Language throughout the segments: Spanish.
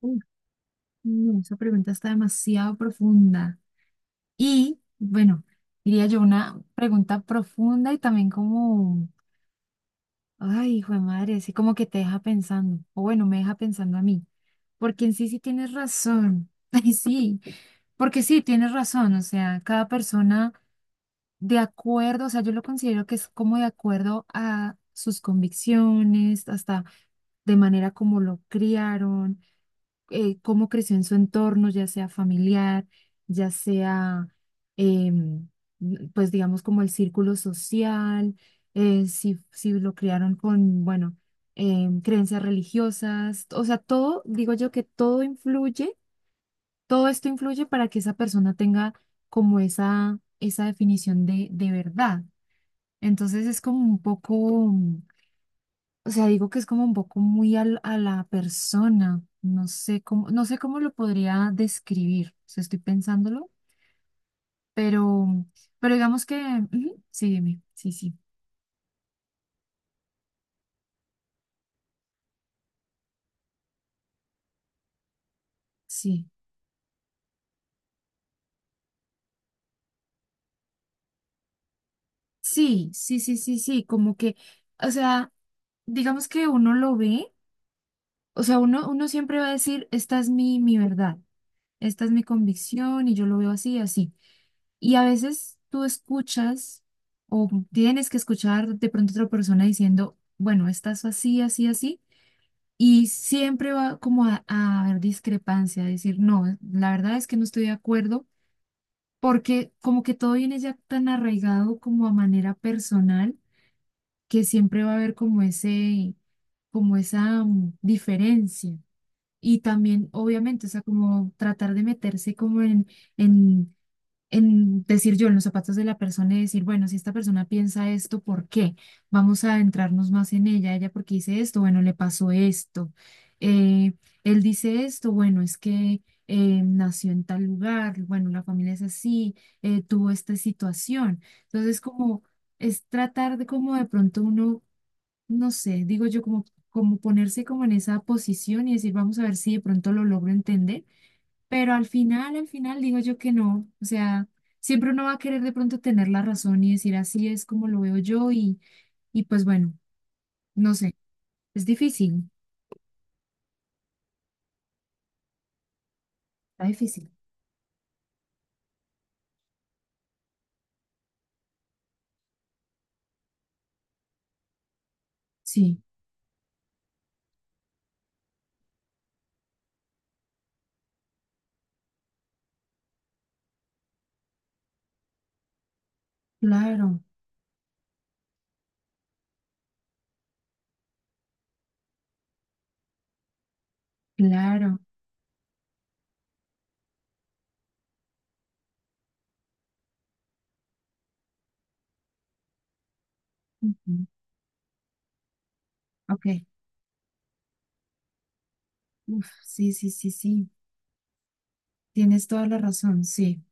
Uf, no, esa pregunta está demasiado profunda. Y bueno, diría yo una pregunta profunda y también como, ay, hijo de madre, así como que te deja pensando, o bueno, me deja pensando a mí, porque en sí sí tienes razón, ay, sí, porque sí tienes razón, o sea, cada persona de acuerdo, o sea, yo lo considero que es como de acuerdo a sus convicciones, hasta de manera como lo criaron. Cómo creció en su entorno, ya sea familiar, ya sea, em, pues digamos, como el círculo social, si lo criaron con, bueno, creencias religiosas, o sea, todo, digo yo que todo influye, todo esto influye para que esa persona tenga como esa definición de verdad. Entonces es como un poco... O sea, digo que es como un poco muy a la persona. No sé cómo, no sé cómo lo podría describir. O sea, estoy pensándolo, pero, pero digamos que, ujú, sí, dime, sí, sí, sí, sí, sí, sí, sí, sí, como que, o sea, digamos que uno lo ve, o sea, uno, uno siempre va a decir, esta es mi verdad, esta es mi convicción y yo lo veo así, así. Y a veces tú escuchas o tienes que escuchar de pronto otra persona diciendo, bueno, estás así, así, así, y siempre va como a haber discrepancia, a decir, no, la verdad es que no estoy de acuerdo, porque como que todo viene ya tan arraigado como a manera personal, que siempre va a haber como ese, como esa diferencia. Y también, obviamente, o sea, como tratar de meterse como en, en decir yo en los zapatos de la persona y decir, bueno, si esta persona piensa esto, ¿por qué? Vamos a adentrarnos más en ella, ella porque dice esto, bueno, le pasó esto, eh, él dice esto, bueno, es que nació en tal lugar, bueno, la familia es así, tuvo esta situación. Entonces, como es tratar de como de pronto uno no sé, digo yo como, como ponerse como en esa posición y decir, vamos a ver si de pronto lo logro entender, pero al final digo yo que no, o sea, siempre uno va a querer de pronto tener la razón y decir, así es como lo veo yo y pues bueno, no sé, es difícil, está difícil. Sí, claro, claro. Ujú, ok, uf, sí, sí, sí, sí, tienes toda la razón, sí.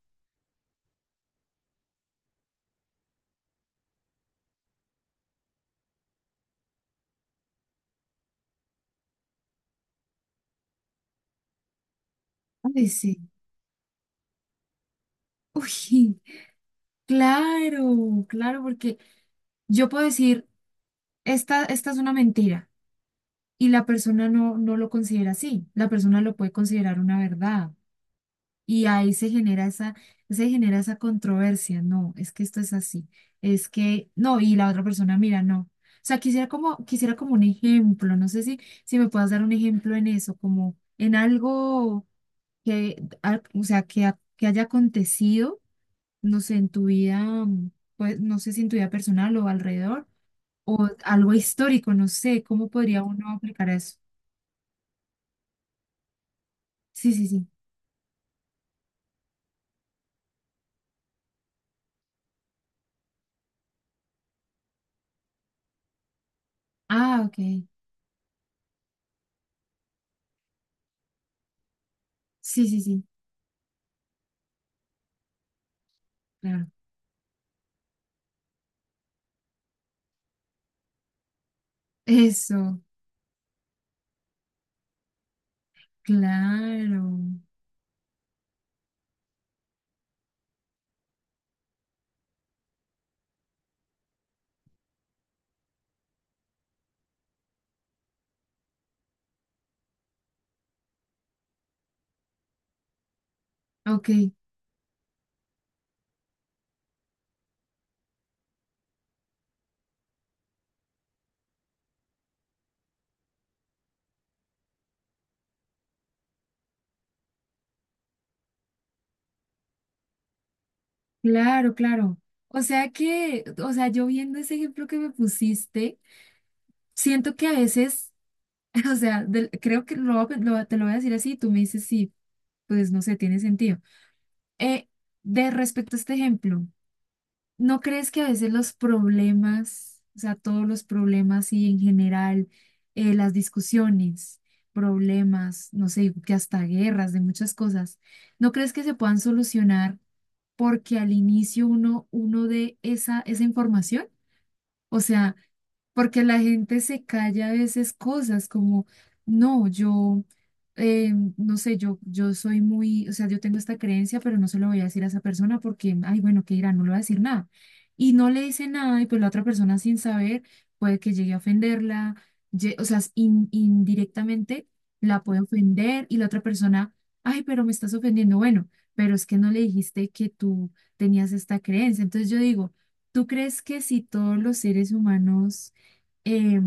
Ay, sí. Uy, claro, claro, porque yo puedo decir... Esta es una mentira y la persona no, no lo considera así, la persona lo puede considerar una verdad y ahí se genera esa controversia, no, es que esto es así, es que no, y la otra persona, mira, no. O sea, quisiera como un ejemplo, no sé si, si me puedas dar un ejemplo en eso, como en algo que, o sea, que, que haya acontecido, no sé, en tu vida, mm, pues, no sé si en tu vida personal o alrededor o algo histórico, no sé, ¿cómo podría uno aplicar eso? Sí, sí, sí. Ah, ok. Sí, sí, sí, claro. Eso, claro. Ok, claro, claro. O sea que, o sea, yo viendo ese ejemplo que me pusiste, siento que a veces, o sea, creo que lo, te lo voy a decir así, tú me dices sí, pues no sé, tiene sentido. Eh, de respecto a este ejemplo. ¿No crees que a veces los problemas, o sea, todos los problemas y en general las discusiones, problemas, no sé, que hasta guerras de muchas cosas, ¿no crees que se puedan solucionar porque al inicio uno, uno dé esa, esa información? O sea, porque la gente se calla a veces cosas como, no, yo, no sé, yo soy muy, o sea, yo tengo esta creencia, pero no se lo voy a decir a esa persona porque, ay, bueno, ¿qué dirá? No le voy a decir nada. Y no le dice nada y pues la otra persona sin saber puede que llegue a ofenderla, o sea, indirectamente la puede ofender y la otra persona, ay, pero me estás ofendiendo, bueno, pero es que no le dijiste que tú tenías esta creencia. Entonces yo digo, ¿tú crees que si todos los seres humanos eh,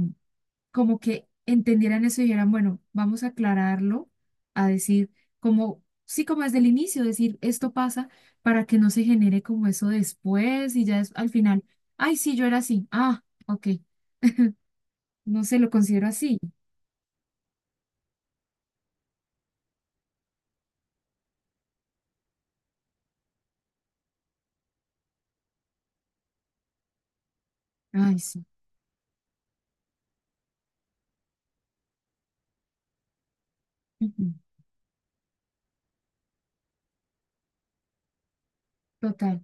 como que entendieran eso y dijeran, bueno, vamos a aclararlo, a decir, como, sí, como desde el inicio, decir, esto pasa para que no se genere como eso después y ya es, al final, ay, sí, yo era así, ah, ok, no se lo considero así, ay, sí, ujú, total,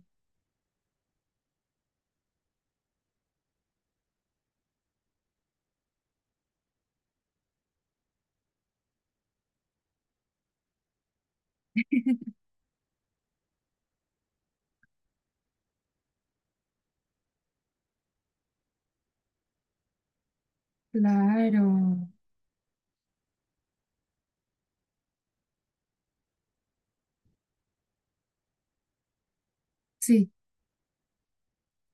claro, sí,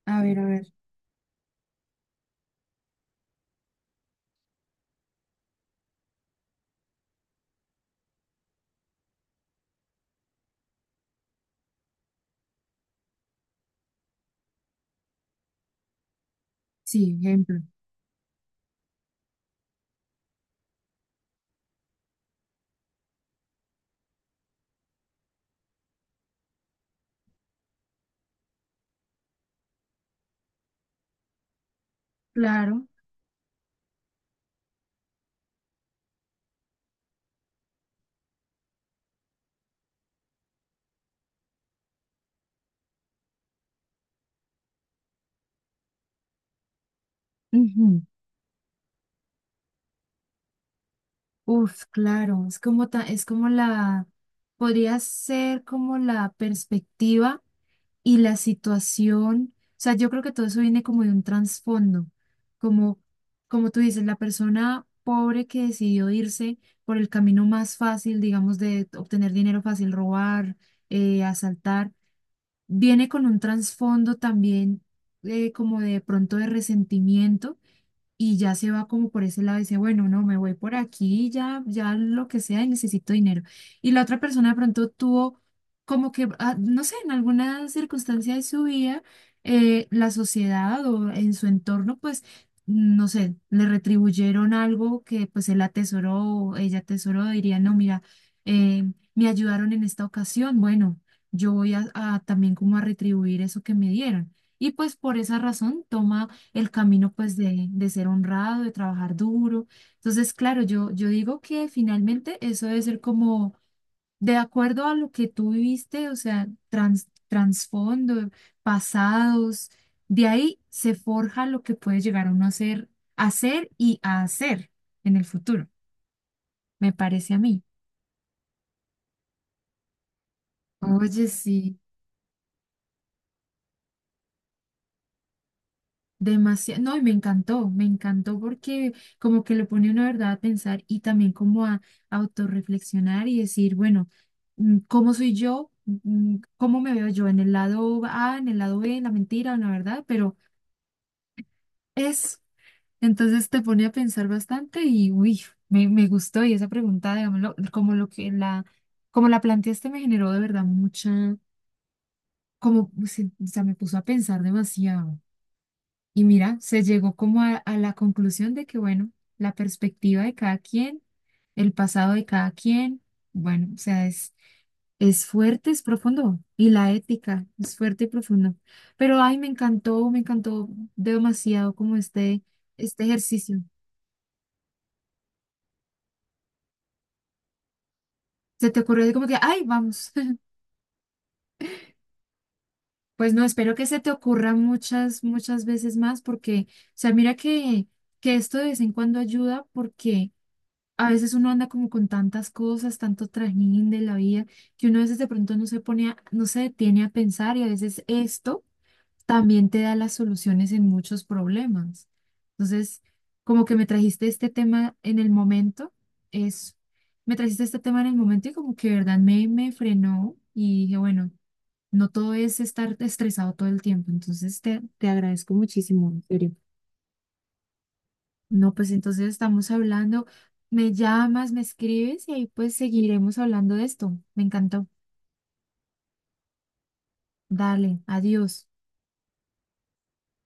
a ver, sí, ejemplo, claro, ujú, uf, claro, es como, es como la, podría ser como la perspectiva y la situación, o sea, yo creo que todo eso viene como de un trasfondo, como, como tú dices, la persona pobre que decidió irse por el camino más fácil, digamos, de obtener dinero fácil, robar, asaltar, viene con un trasfondo también como de pronto de resentimiento y ya se va como por ese lado y dice, bueno, no, me voy por aquí, ya, ya lo que sea y necesito dinero. Y la otra persona de pronto tuvo como que, ah, no sé, en alguna circunstancia de su vida, la sociedad o en su entorno, pues, no sé, le retribuyeron algo que pues él atesoró o ella atesoró, diría, no, mira, me ayudaron en esta ocasión, bueno, yo voy a también como a retribuir eso que me dieron. Y pues por esa razón toma el camino pues de ser honrado, de trabajar duro. Entonces, claro, yo digo que finalmente eso debe ser como de acuerdo a lo que tú viviste, o sea, trasfondo, pasados, de ahí se forja lo que puede llegar uno a ser y a hacer en el futuro, me parece a mí. Oye, sí. Demasiado, no, y me encantó porque como que lo pone una verdad a pensar y también como a autorreflexionar y decir, bueno, ¿cómo soy yo? ¿Cómo me veo yo? ¿En el lado A, en el lado B, en la mentira, en la verdad? Pero es, entonces te pone a pensar bastante y uy, me gustó y esa pregunta, digámoslo, como lo que la, como la planteaste me generó de verdad mucha, como, pues, o sea, me puso a pensar demasiado. Y mira, se llegó como a la conclusión de que, bueno, la perspectiva de cada quien, el pasado de cada quien, bueno, o sea, es fuerte, es profundo. Y la ética es fuerte y profundo. Pero, ay, me encantó demasiado como este ejercicio. Se te ocurrió así como que, ay, vamos. Pues no, espero que se te ocurra muchas, muchas veces más porque, o sea, mira que esto de vez en cuando ayuda porque a veces uno anda como con tantas cosas, tanto trajín de la vida, que uno a veces de pronto no se pone no se detiene a pensar y a veces esto también te da las soluciones en muchos problemas. Entonces, como que me trajiste este tema en el momento, es, me trajiste este tema en el momento y como que de verdad me, me frenó y dije, bueno, no todo es estar estresado todo el tiempo. Entonces, te agradezco muchísimo, en serio. No, pues entonces estamos hablando, me llamas, me escribes y ahí pues seguiremos hablando de esto. Me encantó. Dale, adiós.